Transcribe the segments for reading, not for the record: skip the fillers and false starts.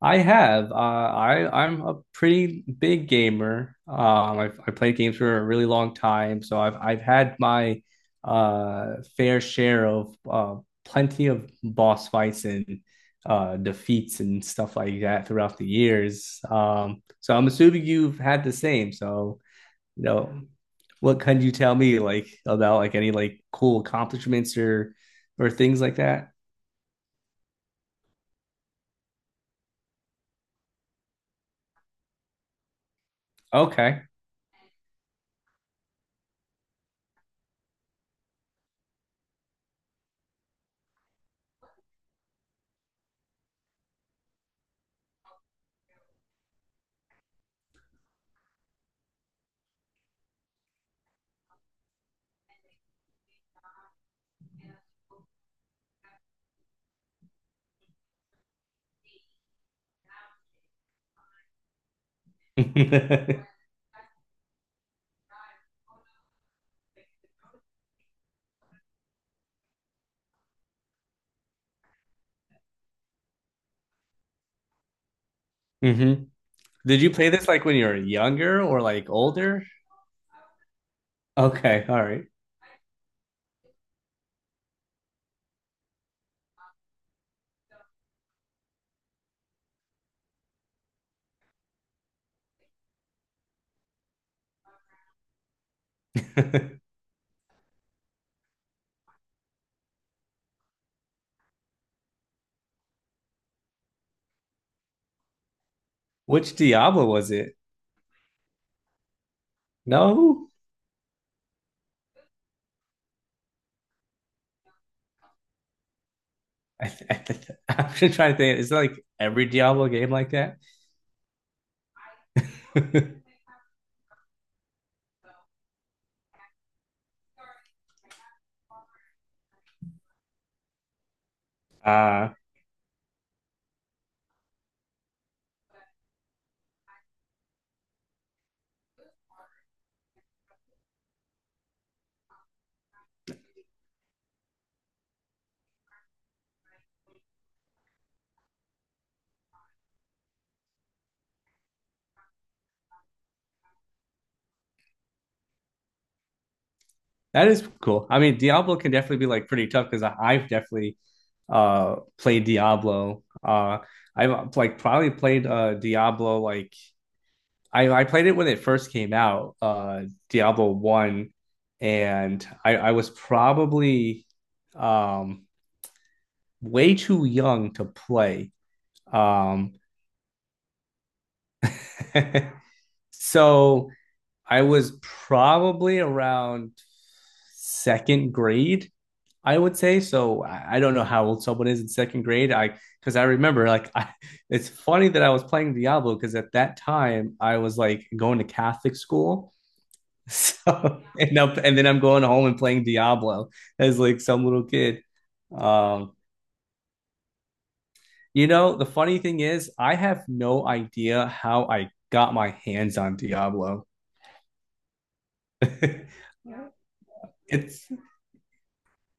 I have. I'm a pretty big gamer. I played games for a really long time, so I've had my fair share of plenty of boss fights and defeats and stuff like that throughout the years. So I'm assuming you've had the same. So you know, what can you tell me like about like any like cool accomplishments or things like that? Okay. hmm Did you play this like when you were younger or like older? Okay, all right. Which Diablo was it? No, I th I'm just trying to think. Is it like every Diablo game like that? Uh, that is cool. I mean, Diablo can definitely be like pretty tough because I've definitely played Diablo. I've like probably played Diablo like I played it when it first came out, Diablo 1, and I was probably um, way too young to play. Um, so I was probably around second grade, I would say. So I don't know how old someone is in second grade. I because I remember, it's funny that I was playing Diablo because at that time I was like going to Catholic school. So and up and then I'm going home and playing Diablo as like some little kid. Um, the funny thing is I have no idea how I got my hands on Diablo. It's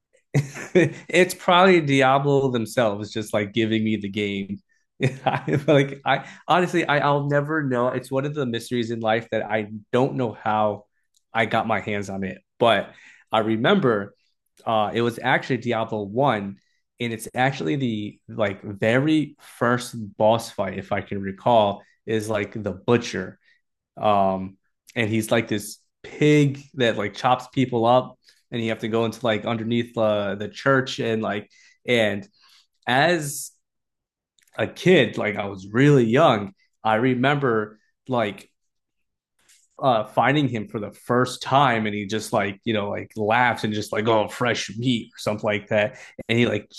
it's probably Diablo themselves just like giving me the game. I like I honestly I'll never know. It's one of the mysteries in life that I don't know how I got my hands on it. But I remember it was actually Diablo 1 and it's actually the like very first boss fight if I can recall is like the butcher um and he's like this pig that like chops people up and you have to go into like underneath the church and like and as a kid like I was really young I remember like finding him for the first time and he just like you know like laughed and just like oh fresh meat or something like that and he like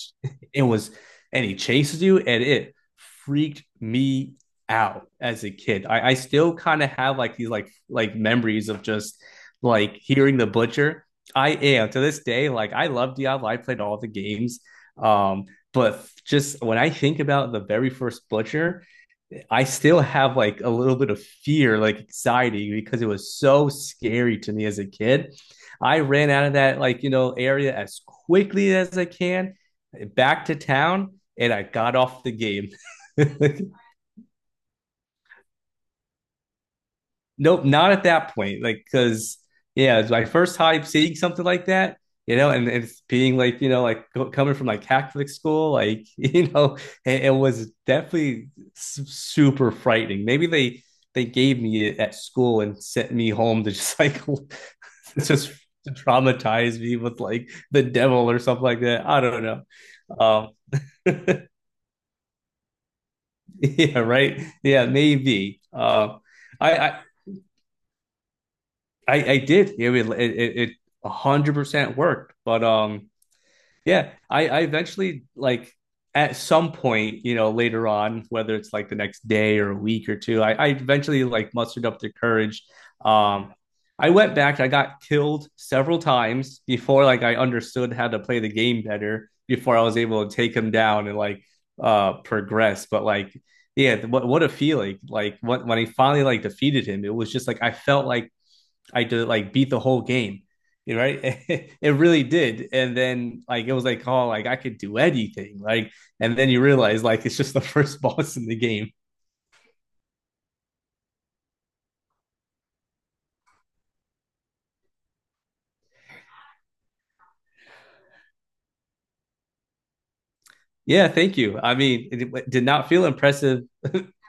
it was and he chases you and it freaked me out as a kid. I still kind of have like these like memories of just like hearing the butcher. I am to this day like I love Diablo. I played all the games, um, but just when I think about the very first butcher I still have like a little bit of fear, like anxiety, because it was so scary to me as a kid. I ran out of that like you know area as quickly as I can, back to town, and I got off the game. Nope, not at that point. Like, because yeah, it's my first time seeing something like that, you know, and, it's being like, you know, like coming from like Catholic school, like, you know, it was definitely super frightening. Maybe they gave me it at school and sent me home to just like just traumatize me with like the devil or something like that. I don't know. Um, yeah, right. Yeah, maybe. I, I I did. It would- it 100% worked. But yeah, I eventually like at some point, you know, later on, whether it's like the next day or a week or two, I eventually like mustered up the courage. Um, I went back, I got killed several times before like I understood how to play the game better, before I was able to take him down and like progress. But like yeah, what a feeling. Like what when I finally like defeated him, it was just like I felt like I did like beat the whole game, you know, right? It really did. And then like it was like, oh, like I could do anything, like. And then you realize like it's just the first boss in the game. Yeah, thank you. I mean, it did not feel impressive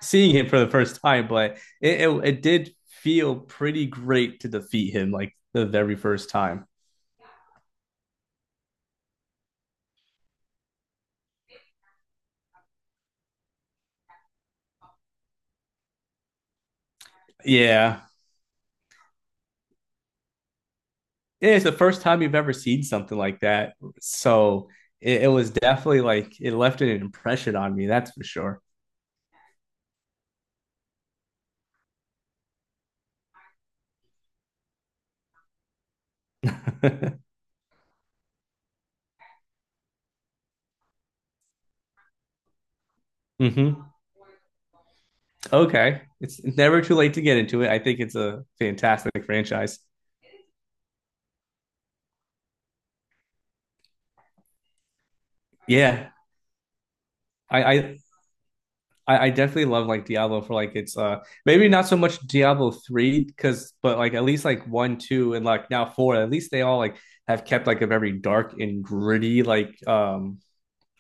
seeing him for the first time, but it did feel pretty great to defeat him like the very first time. Yeah, Yeah, it's the first time you've ever seen something like that, so it was definitely like it left an impression on me. That's for sure. mm-hmm. Okay. It's never too late to get into it. I think it's a fantastic franchise. Yeah. I I I definitely love like Diablo for like it's maybe not so much Diablo 3 because but like at least like 1, 2 and like now 4 at least they all like have kept like a very dark and gritty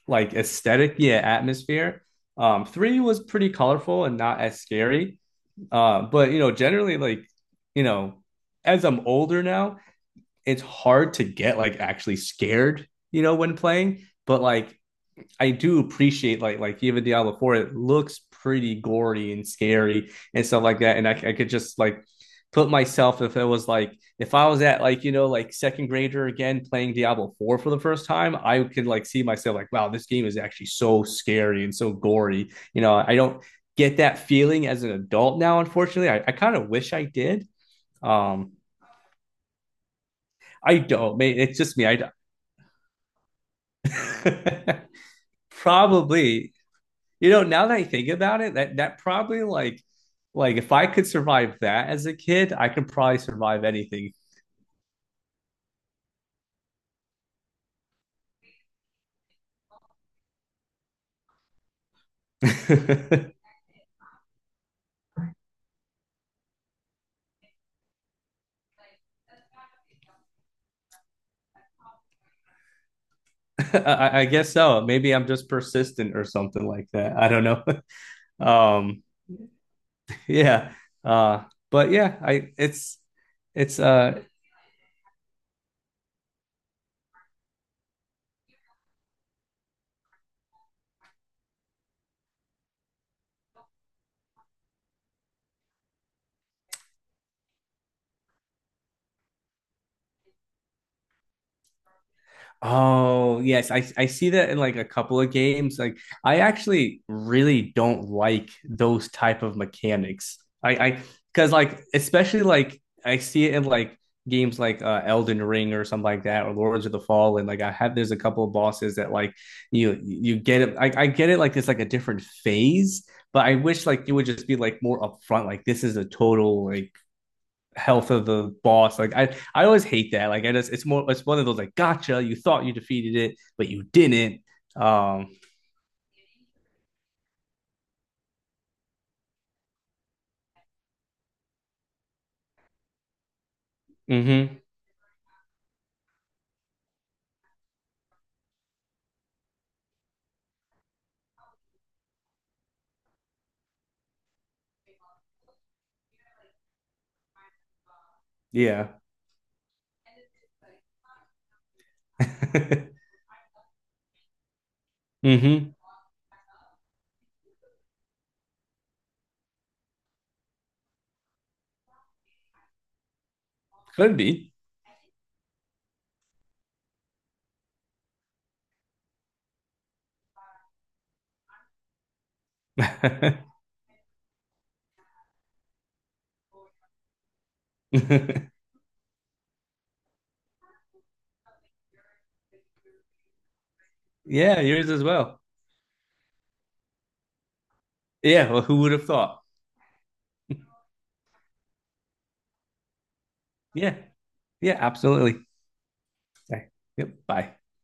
like aesthetic yeah atmosphere. Um, 3 was pretty colorful and not as scary. But you know generally like you know as I'm older now it's hard to get like actually scared, you know, when playing. But like I do appreciate like even Diablo Four, it looks pretty gory and scary and stuff like that. And I could just like put myself if it was like if I was at like you know like second grader again playing Diablo 4 for the first time I could like see myself like wow this game is actually so scary and so gory you know I don't get that feeling as an adult now unfortunately I kind of wish I did. um I don't, it's just me. Probably. You know, now that I think about it, that probably like if I could survive that as a kid, I could probably survive anything. I, I guess so. Maybe I'm just persistent or something like that. I don't know. Um, yeah. Uh, but yeah, I it's oh, yes. I see that in like a couple of games. Like I actually really don't like those type of mechanics. I because like especially like I see it in like games like Elden Ring or something like that or Lords of the Fallen. Like I have there's a couple of bosses that like you get it. I get it, like it's like a different phase, but I wish like it would just be like more upfront. Like this is a total like health of the boss. Like I always hate that. Like I just, it's more, it's one of those like, gotcha. You thought you defeated it, but you didn't. Um, mm-hmm. Yeah. mm-hmm. Could be. Yeah, yours as well. Yeah. Well, who would have thought? Yeah. Yeah. Absolutely. Okay. Yep. Bye.